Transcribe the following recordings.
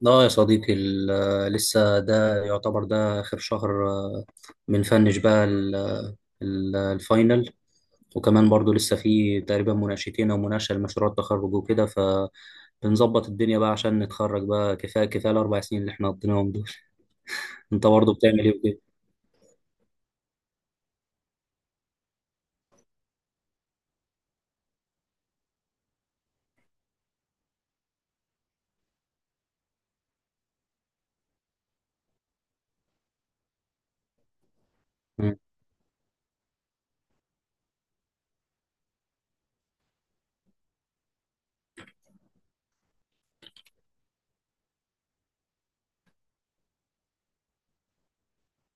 لا يا صديقي لسه ده يعتبر ده آخر شهر، بنفنش بقى الفاينل. وكمان برضو لسه في تقريبا مناقشتين أو مناقشة لمشروع التخرج وكده، فبنظبط الدنيا بقى عشان نتخرج بقى. كفاية كفاية الأربع سنين اللي احنا قضيناهم دول. أنت برضو بتعمل إيه وكده؟ مم.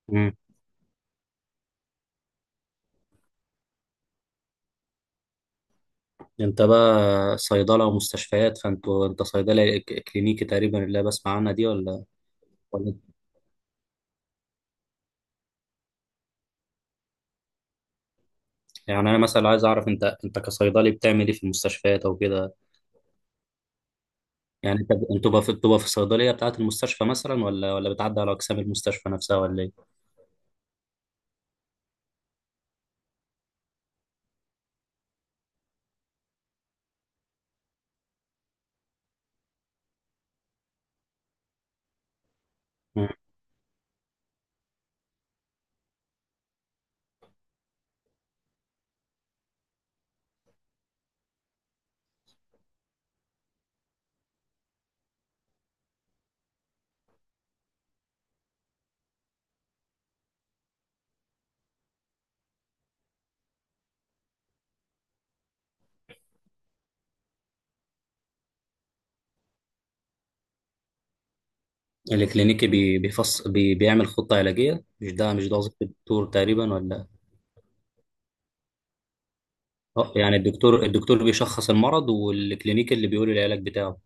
مم. أنت بقى صيدلة ومستشفيات، أنت صيدلة كلينيكي تقريبا اللي أنا بسمع عنها دي، ولا إيه؟ يعني أنا مثلا عايز أعرف، أنت كصيدلي بتعمل إيه في المستشفيات أو كده؟ يعني طب انتوا بقى بتبقى في الصيدليه بتاعه المستشفى مثلا، ولا بتعدي على اقسام المستشفى نفسها، ولا ايه؟ مم. الكلينيكي بي بيفص بي بيعمل خطه علاجيه؟ مش ده وظيفه الدكتور تقريبا ولا؟ اه، يعني الدكتور بيشخص المرض والكلينيكي اللي بيقول العلاج بتاعه.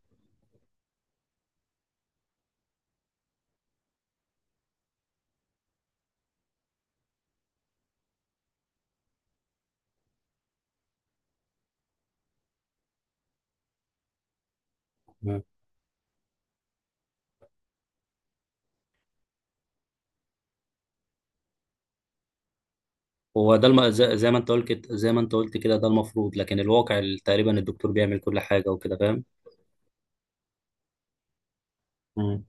مم. هو ده زي ما انت قلت كده، ده المفروض، لكن الواقع تقريبا الدكتور بيعمل كل حاجه وكده، فاهم؟ مم.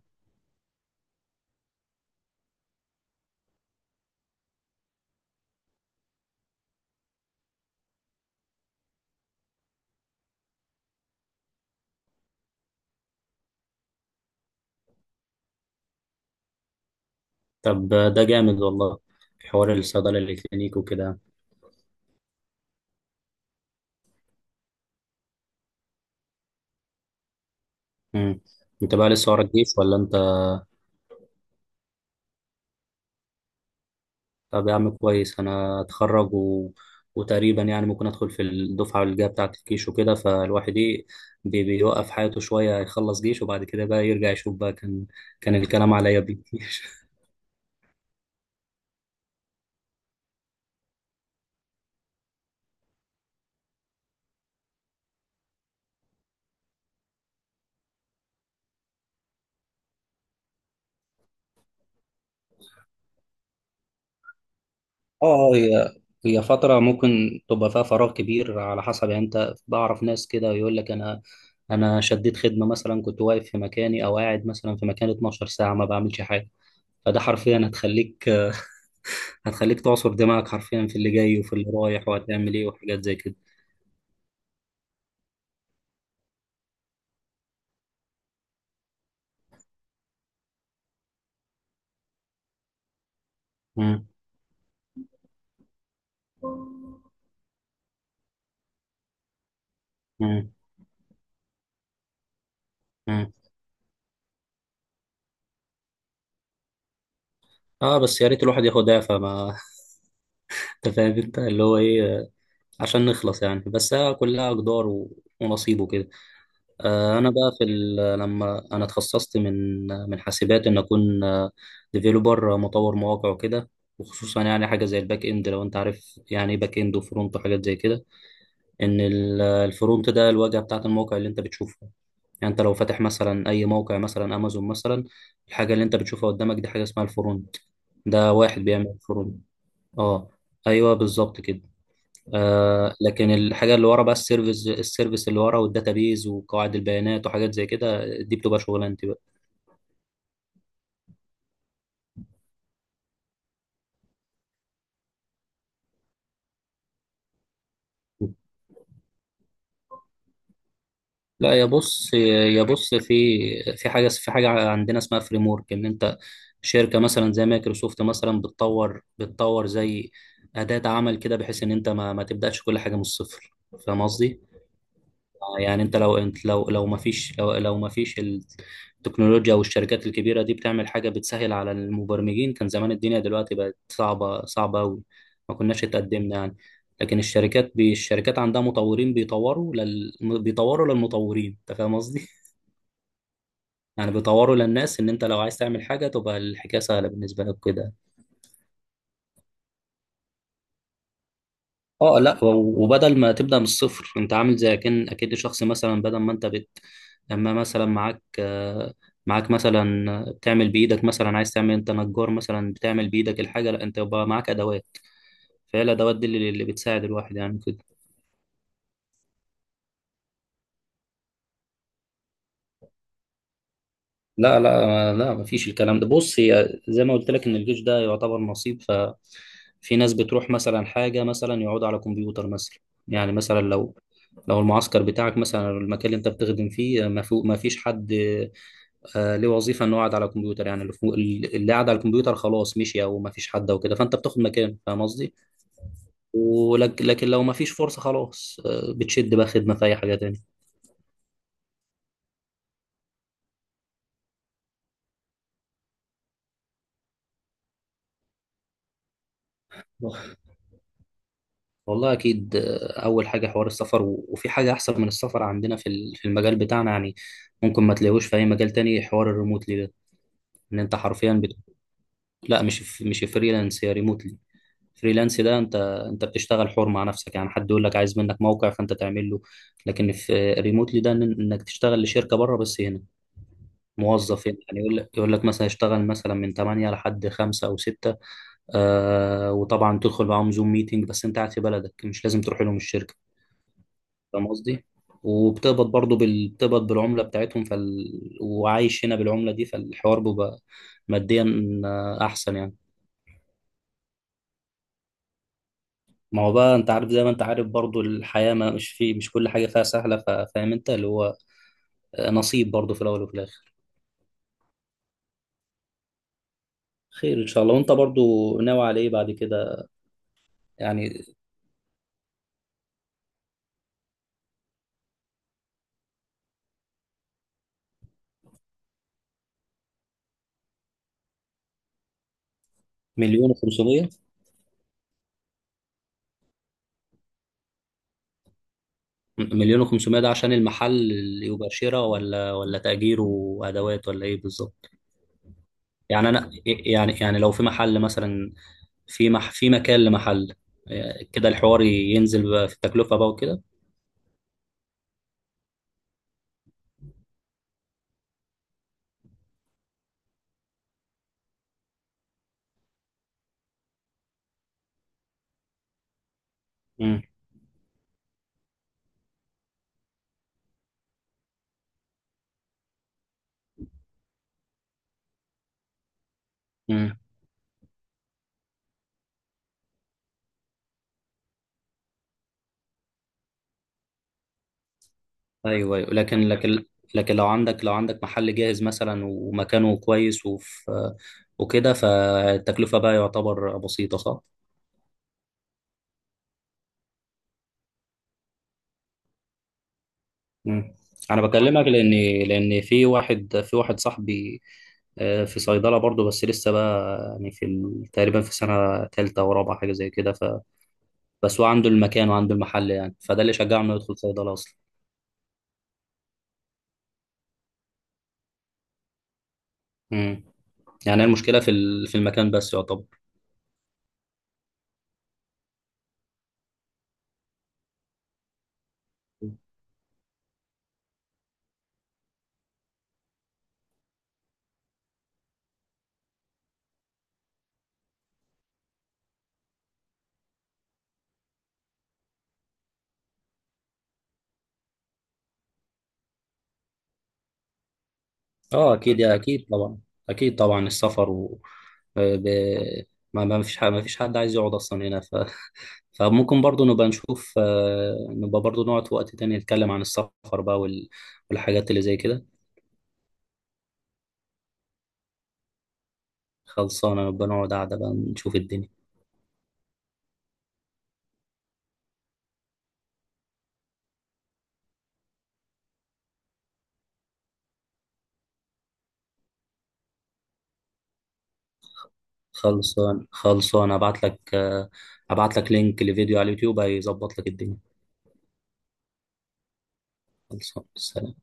طب ده جامد والله، حوار الصيدله الكلينيكي وكده. مم. انت بقى لسه ورا الجيش ولا انت؟ طب يا عم كويس، انا اتخرج و... وتقريبا يعني ممكن ادخل في الدفعه اللي جايه بتاعه الجيش وكده، فالواحد ايه، بيوقف حياته شويه يخلص جيش، وبعد كده بقى يرجع يشوف بقى، كان كان الكلام عليا بيه. اه، هي هي فترة ممكن تبقى فيها فراغ كبير على حسب يعني. انت، بعرف ناس كده يقول لك انا انا شديت خدمة مثلا كنت واقف في مكاني، او قاعد مثلا في مكان 12 ساعة ما بعملش حاجة. فده حرفيا هتخليك تعصر دماغك حرفيا، في اللي جاي وفي اللي رايح وهتعمل ايه وحاجات زي كده. مم. مم. مم. اه بس يا ريت الواحد ياخد دافع ما. انت فاهم، انت اللي هو ايه، عشان نخلص يعني. بس هي كلها اقدار و... ونصيبه كده. آه، انا بقى في لما انا اتخصصت من حاسبات ان اكون ديفيلوبر، مطور مواقع وكده. وخصوصا يعني حاجه زي الباك اند، لو انت عارف يعني ايه باك اند وفرونت وحاجات زي كده. ان الفرونت ده الواجهه بتاعت الموقع اللي انت بتشوفه. يعني انت لو فاتح مثلا اي موقع، مثلا امازون مثلا، الحاجه اللي انت بتشوفها قدامك دي حاجه اسمها الفرونت. ده واحد بيعمل فرونت. اه. ايوه بالظبط كده. آه، لكن الحاجه اللي ورا بقى، السيرفيس، السيرفيس اللي ورا والداتابيز وقواعد البيانات وحاجات زي كده، دي بتبقى شغلانتي بقى. لا يا بص يا بص، في في حاجه حاجه عندنا اسمها فريم ورك. ان انت شركه مثلا زي مايكروسوفت مثلا بتطور زي اداه عمل كده بحيث ان انت ما تبداش كل حاجه من الصفر، فاهم قصدي؟ يعني انت لو ما فيش التكنولوجيا والشركات الكبيره دي بتعمل حاجه بتسهل على المبرمجين، كان زمان الدنيا دلوقتي بقت صعبه صعبه قوي، ما كناش اتقدمنا يعني. لكن الشركات الشركات عندها مطورين بيطوروا للمطورين، انت فاهم قصدي. يعني بيطوروا للناس، ان انت لو عايز تعمل حاجه تبقى الحكايه سهله بالنسبه لك كده. اه، لا وبدل ما تبدا من الصفر، انت عامل زي اكن اكيد، شخص مثلا بدل ما انت بت اما مثلا معاك مثلا بتعمل بايدك، مثلا عايز تعمل، انت نجار مثلا بتعمل بايدك الحاجه، لا، انت يبقى معاك ادوات. فهي الادوات دي اللي بتساعد الواحد يعني كده. لا، مفيش الكلام ده. بص، هي زي ما قلت لك ان الجيش ده يعتبر نصيب، ف في ناس بتروح مثلا حاجه مثلا يقعدوا على كمبيوتر مثلا. يعني مثلا لو المعسكر بتاعك، مثلا المكان اللي انت بتخدم فيه، ما فيش حد ليه وظيفه انه قاعد على الكمبيوتر، يعني اللي قاعد على الكمبيوتر خلاص مشي او ما فيش حد وكده، فانت بتاخد مكانه، فاهم قصدي. ولكن لكن لو ما فيش فرصه خلاص، بتشد بقى خدمه في اي حاجه تاني. والله اكيد، اول حاجه حوار السفر، وفي حاجه احسن من السفر عندنا في في المجال بتاعنا يعني. ممكن ما تلاقيهوش في اي مجال تاني، حوار الريموتلي ده، ان انت حرفيا بت... لا، مش فريلانس، هي ريموتلي. فريلانس ده انت بتشتغل حر مع نفسك يعني، حد يقول لك عايز منك موقع فانت تعمل له. لكن في ريموتلي ده، انك تشتغل لشركه بره، بس هنا موظف هنا يعني. يقول لك يقول لك مثلا اشتغل مثلا من 8 لحد 5 او 6. آه، وطبعا تدخل معاهم زوم ميتنج، بس انت قاعد في بلدك، مش لازم تروح لهم الشركه، فاهم قصدي؟ وبتقبض برضه بتقبض بالعمله بتاعتهم، وعايش هنا بالعمله دي، فالحوار بيبقى ماديا احسن يعني. ما هو بقى انت عارف، زي ما انت عارف برضو، الحياة ما مش مش كل حاجة فيها سهلة، فاهم انت اللي هو نصيب برضو، في الأول وفي الآخر. خير إن شاء الله. وانت برضو ناوي على ايه بعد كده؟ يعني 1,500,000. مليون وخمسمية ده عشان المحل؟ اللي يبقى شراء ولا تأجير، وأدوات، ولا ايه بالظبط؟ يعني انا يعني يعني لو في محل مثلا، في مكان لمحل كده، الحوار ينزل بقى في التكلفة بقى وكده. مم. مم. ايوه ايوه. لكن لو عندك لو عندك محل جاهز مثلا، ومكانه كويس وفي وكده، فالتكلفه بقى يعتبر بسيطه، صح؟ مم. انا بكلمك لان لان في واحد، في واحد صاحبي، في صيدله برضه، بس لسه بقى يعني في تقريبا في سنه ثالثه ورابعه، حاجه زي كده، ف بس هو عنده المكان وعنده المحل يعني، فده اللي شجعه انه يدخل صيدله اصلا. مم. يعني المشكله في في المكان بس. اه اكيد، يا اكيد طبعا، اكيد طبعا السفر و ب... ما ما فيش حد، ما فيش حد عايز يقعد اصلا هنا، ف... فممكن برضو نبقى نشوف، نبقى برضو نقعد في وقت تاني نتكلم عن السفر بقى والحاجات اللي زي كده. خلصانه، نبقى نقعد قاعده بقى نشوف الدنيا. خلصان، خلصان ابعت لك ابعت لك لينك لفيديو على اليوتيوب هيظبط لك الدنيا. خلصان، سلام.